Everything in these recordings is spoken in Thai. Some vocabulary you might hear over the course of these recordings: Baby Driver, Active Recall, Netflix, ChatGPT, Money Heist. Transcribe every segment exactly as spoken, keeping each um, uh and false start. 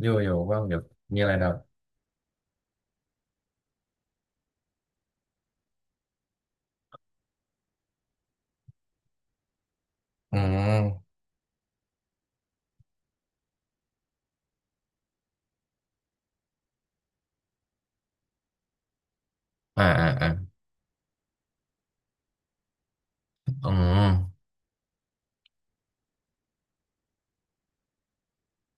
อยู่อยู่ว่างเดี๋ยวมีอะไรนะครับอืมอ่าอ่าอ่าอืม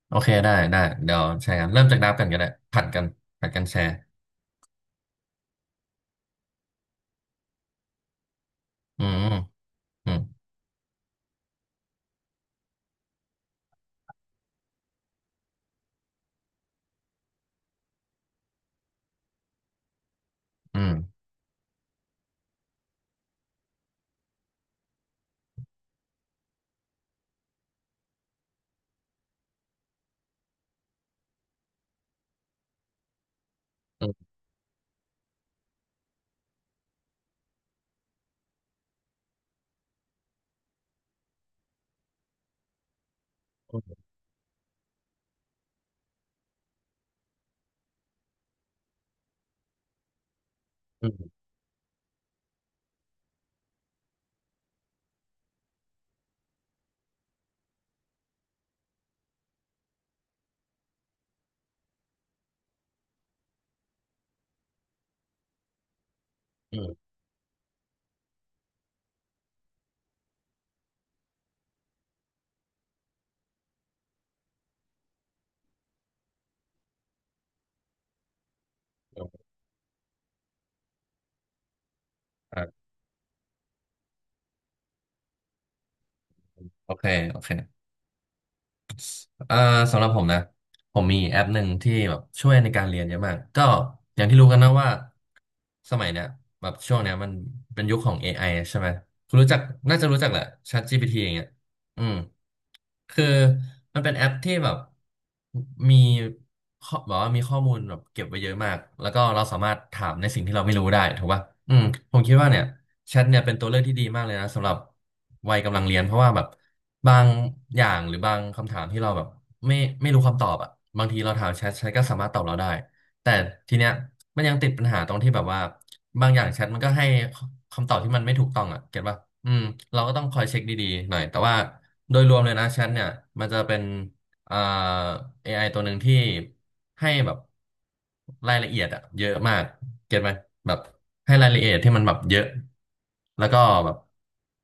โอเคได้ได้เดี๋ยวแชร์กันเริ่มจากนับกันก็ได้ผัดกันผัดกันแชร์อืมอืมอืมอืมอืมอืมอืมอมอ่าโอเคโอเค เอ่อสำหรับผมนะผมมีแอปหนึ่งที่แบบช่วยในการเรียนเยอะมากก็อย่างที่รู้กันนะว่าสมัยเนี้ยแบบช่วงเนี้ยมันเป็นยุคของ เอ ไอ ใช่ไหมคุณรู้จักน่าจะรู้จักแหละ ChatGPT อย่างเงี้ยอืมคือมันเป็นแอปที่แบบมีข้อแบบว่ามีข้อมูลแบบเก็บไว้เยอะมากแล้วก็เราสามารถถามในสิ่งที่เราไม่รู้ได้ถูกป่ะอืมผมคิดว่าเนี่ย แชทเนี่ยเป็นตัวเลือกที่ดีมากเลยนะสำหรับวัยกำลังเรียนเพราะว่าแบบบางอย่างหรือบางคำถามที่เราแบบไม่ไม่รู้คำตอบอ่ะบางทีเราถามแชทแชทก็สามารถตอบเราได้แต่ทีเนี้ยมันยังติดปัญหาตรงที่แบบว่าบางอย่างแชทมันก็ให้คำตอบที่มันไม่ถูกต้องอ่ะเก็ตป่ะอืมเราก็ต้องคอยเช็คดีๆหน่อยแต่ว่าโดยรวมเลยนะแชทเนี่ยมันจะเป็นอ่าเอไอตัวหนึ่งที่ให้แบบรายละเอียดอ่ะเยอะมาก เก็ตไหมแบบให้รายละเอียดที่มันแบบเยอะแล้วก็แบบ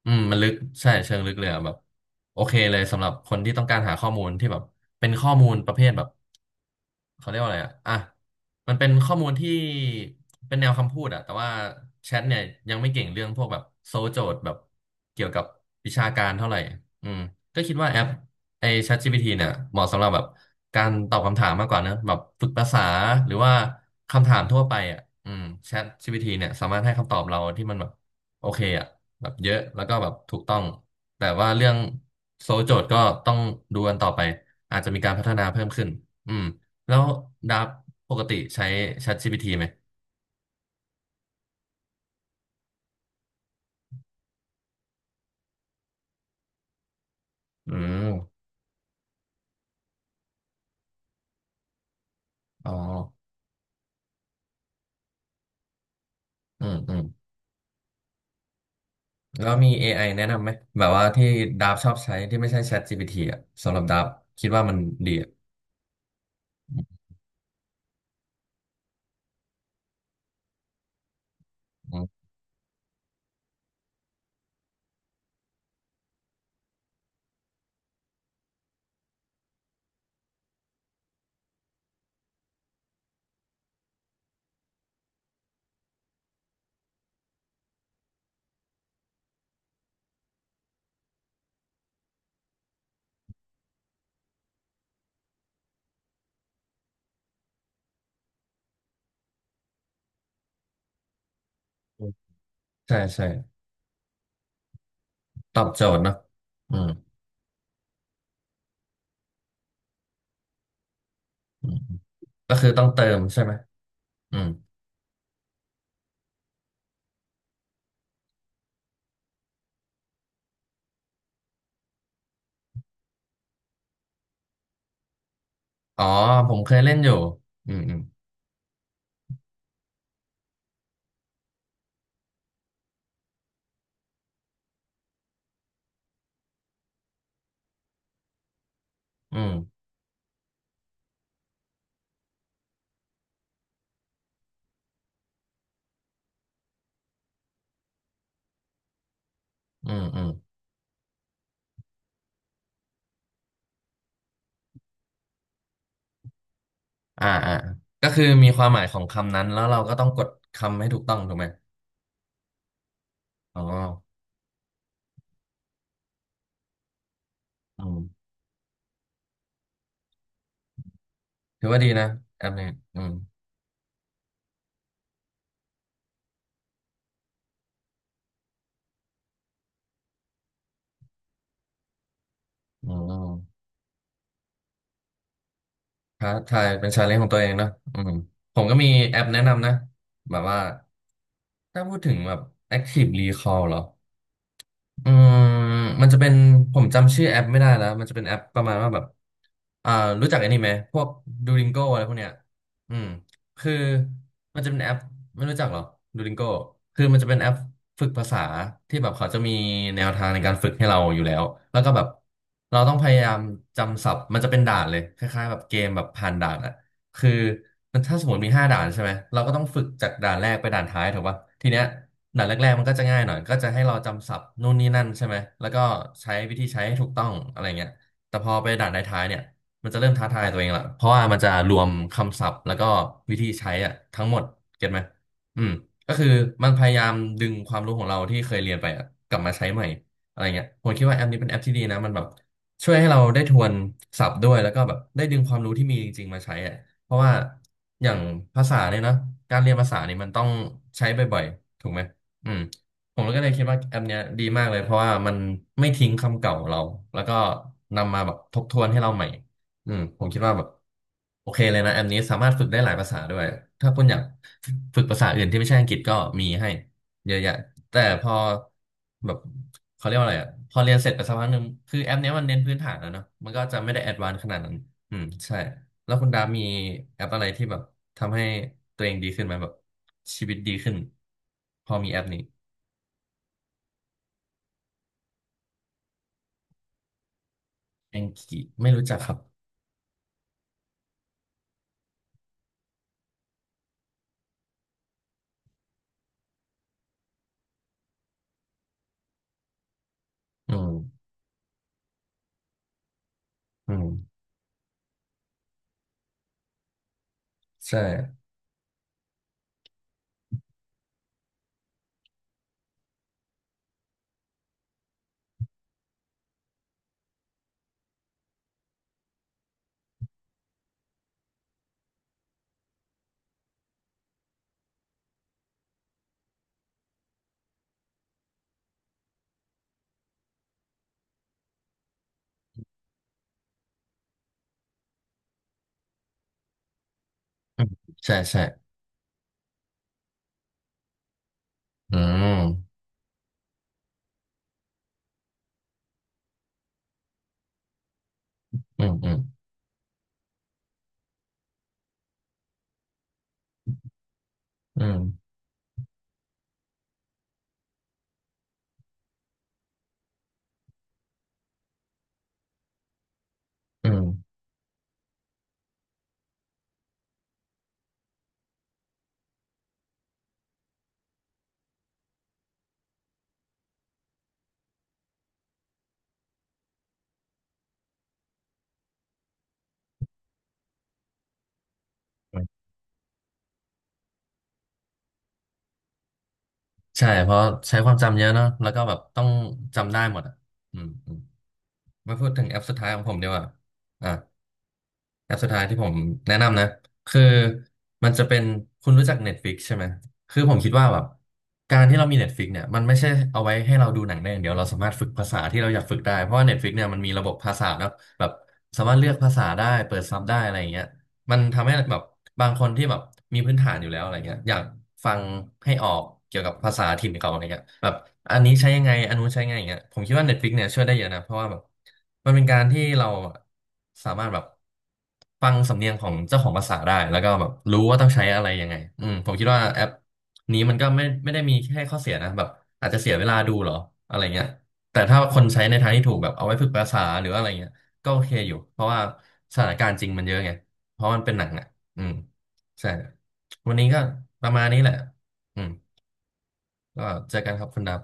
อืมมันลึกใช่เชิงลึกเลยอะแบบโอเคเลยสำหรับคนที่ต้องการหาข้อมูลที่แบบเป็นข้อมูลประเภทแบบ เขาเรียกว่าอะไรอะอ่ะ มันเป็นข้อมูลที่เป็นแนวคำพูดอะแต่ว่าแชทเนี่ยยังไม่เก่งเรื่องพวกแบบโซลโจทย์แบบเกี่ยวกับวิชาการเท่าไหร่อืมก็คิดว่าแอปไอ้ ChatGPT เนี่ยเหมาะสำหรับแบบการตอบคำถามมากกว่านะแบบฝึกภาษาหรือว่าคำถามทั่วไปอะอืม ChatGPT เนี่ยสามารถให้คำตอบเราที่มันแบบโอเคอะแบบเยอะแล้วก็แบบถูกต้อง แต่ว่าเรื่องโซลโจทย์ก็ต้องดูกันต่อไปอาจจะมีการพัฒนาเพิ่มขึ้นอืม แล้วดับปกติใช้ ChatGPT ไหมอืมอ๋ออืมอืมแล้วมี เอ ไอ แนะนำไหมแบบว่าที่ดับชอบใช้ที่ไม่ใช่ ChatGPT อ่ะสำหรับดับคิดว่ามันดีอะอืมใช่ใช่ตอบโจทย์เนอะอืมอืมอืมก็คือต้องเติมใช่ไหมอืมอ๋อผมเคยเล่นอยู่อืมอืมอืมอืมอืมอ่าอ่าก็คือมีความหมายของคำนั้นแล้วเราก็ต้องกดคำให้ถูกต้องถูกไหมอ๋ออืมถือว่าดีนะแอปนี้อืม อืมท้าทายเป็นชาเลนจ์ของตัวเองเนอะอืมผมก็มีแอปแนะนำนะ แบบว่าถ้าพูดถึงแบบ Active Recall เหรอ อืมมันจะเป็นผมจำชื่อแอปไม่ได้แล้วมันจะเป็นแอปประมาณว่าแบบอ่ารู้จักไอ้นี่ไหมพวกดู o ิงโกอะไรพวกเนี้ยอืมคือมันจะเป็นแอปไม่รู้จักหรอดู o ิงโกคือมันจะเป็นแอปฝึกภาษาที่แบบเขาจะมีแนวทางในการฝึกให้เราอยู่แล้วแล้วก็แบบเราต้องพยายามจำศัพท์มันจะเป็นด่านเลยคล้ายๆแบบเกมแบบผ่านด่านอะคือมันถ้าสมมติมีห้าด่านใช่ไหมเราก็ต้องฝึกจากด่านแรกไปด่านท้ายถูกปะทีเนี้ย ด่านงแรกๆมันก็จะง่ายหน่อยก็จะให้เราจำศัพท์นู่นนี่นั่นใช่ไหมแล้วก็ใช้วิธีใช้ให้ถูกต้องอะไรเงี้ยแต่พอไปด่านท้ายๆเนี่ยมันจะเริ่มท้าทายตัวเองละเพราะว่ามันจะรวมคำศัพท์แล้วก็วิธีใช้อะทั้งหมดเก็ตไหมอืมก็คือมันพยายามดึงความรู้ของเราที่เคยเรียนไปอะกลับมาใช้ใหม่อะไรเงี้ยผมคิดว่าแอปนี้เป็นแอปที่ดีนะมันแบบช่วยให้เราได้ทวนศัพท์ด้วยแล้วก็แบบได้ดึงความรู้ที่มีจริงๆมาใช้อะเพราะว่าอย่างภาษาเนี่ยเนอะการเรียนภาษานี่มันต้องใช้บ่อยๆถูกไหม อืมผมก็เลยคิดว่าแอปเนี้ยดีมากเลยเพราะว่ามันไม่ทิ้งคำเก่าเราแล้วก็นำมาแบบทบทวนให้เราใหม่อืมผมคิดว่าแบบโอเคเลยนะแอปนี้สามารถฝึกได้หลายภาษาด้วยถ้าคุณอยากฝึกภาษาอื่นที่ไม่ใช่อังกฤษก็มีให้เยอะแยะแต่พอแบบเขาเรียกว่าอะไรอ่ะพอเรียนเสร็จไปสักพักหนึ่งคือแอปเนี้ยมันเน้นพื้นฐานแล้วเนอะมันก็จะไม่ได้แอดวานซ์ขนาดนั้นอืมใช่ แล้วคุณดาฟมีแอปอะไรที่แบบทำให้ตัวเองดีขึ้นไหมแบบชีวิตดีขึ้นพอมีแอปนี้แองกี้ไม่รู้จักครับอืมอืมใช่อืมใช่ใช่อืมอืมอืมอืมอืมอืมใช่เพราะใช้ความจำเยอะเนอะแล้วก็แบบต้องจำได้หมดอ่ะอืมอืมมาพูดถึงแอปสุดท้ายของผมดีกว่าอ่ะ แอปสุดท้ายที่ผมแนะนำนะคือมันจะเป็นคุณรู้จัก Netflix ใช่ไหมคือผมคิดว่าแบบการที่เรามี Netflix เนี่ยมันไม่ใช่เอาไว้ให้เราดูหนังได้อย่างเดียวเราสามารถฝึกภาษาที่เราอยากฝึกได้เพราะว่า Netflix เนี่ยมันมีระบบภาษาเนอะแบบสามารถเลือกภาษาได้เปิดซับได้อะไรอย่างเงี้ย มันทำให้แบบบางคนที่แบบมีพื้นฐานอยู่แล้วอะไรเงี้ยอยากฟังให้ออกเกี่ยวกับภาษาถิ่นเขาอะไรเงี้ยแบบอันนี้ใช้ยังไงอันนู้นใช้ยังไงอย่างเงี้ยผมคิดว่า Netflix เนี่ยช่วยได้เยอะนะเพราะว่าแบบมันเป็นการที่เราสามารถแบบฟังสำเนียงของเจ้าของภาษาได้แล้วก็แบบรู้ว่าต้องใช้อะไรยังไงอืมผมคิดว่าแอปนี้มันก็ไม่ไม่ได้มีแค่ข้อเสียนะแบบอาจจะเสียเวลาดูเหรออะไรเงี้ยแต่ถ้าคนใช้ในทางที่ถูกแบบเอาไว้ฝึกภาษาหรือว่าอะไรเงี้ยก็โอเคอยู่เพราะว่าสถานการณ์จริงมันเยอะไง เพราะมันเป็นหนังอ่ะอืมใช่วันนี้ก็ประมาณนี้แหละอืมก็เจอกันครับคุณดับ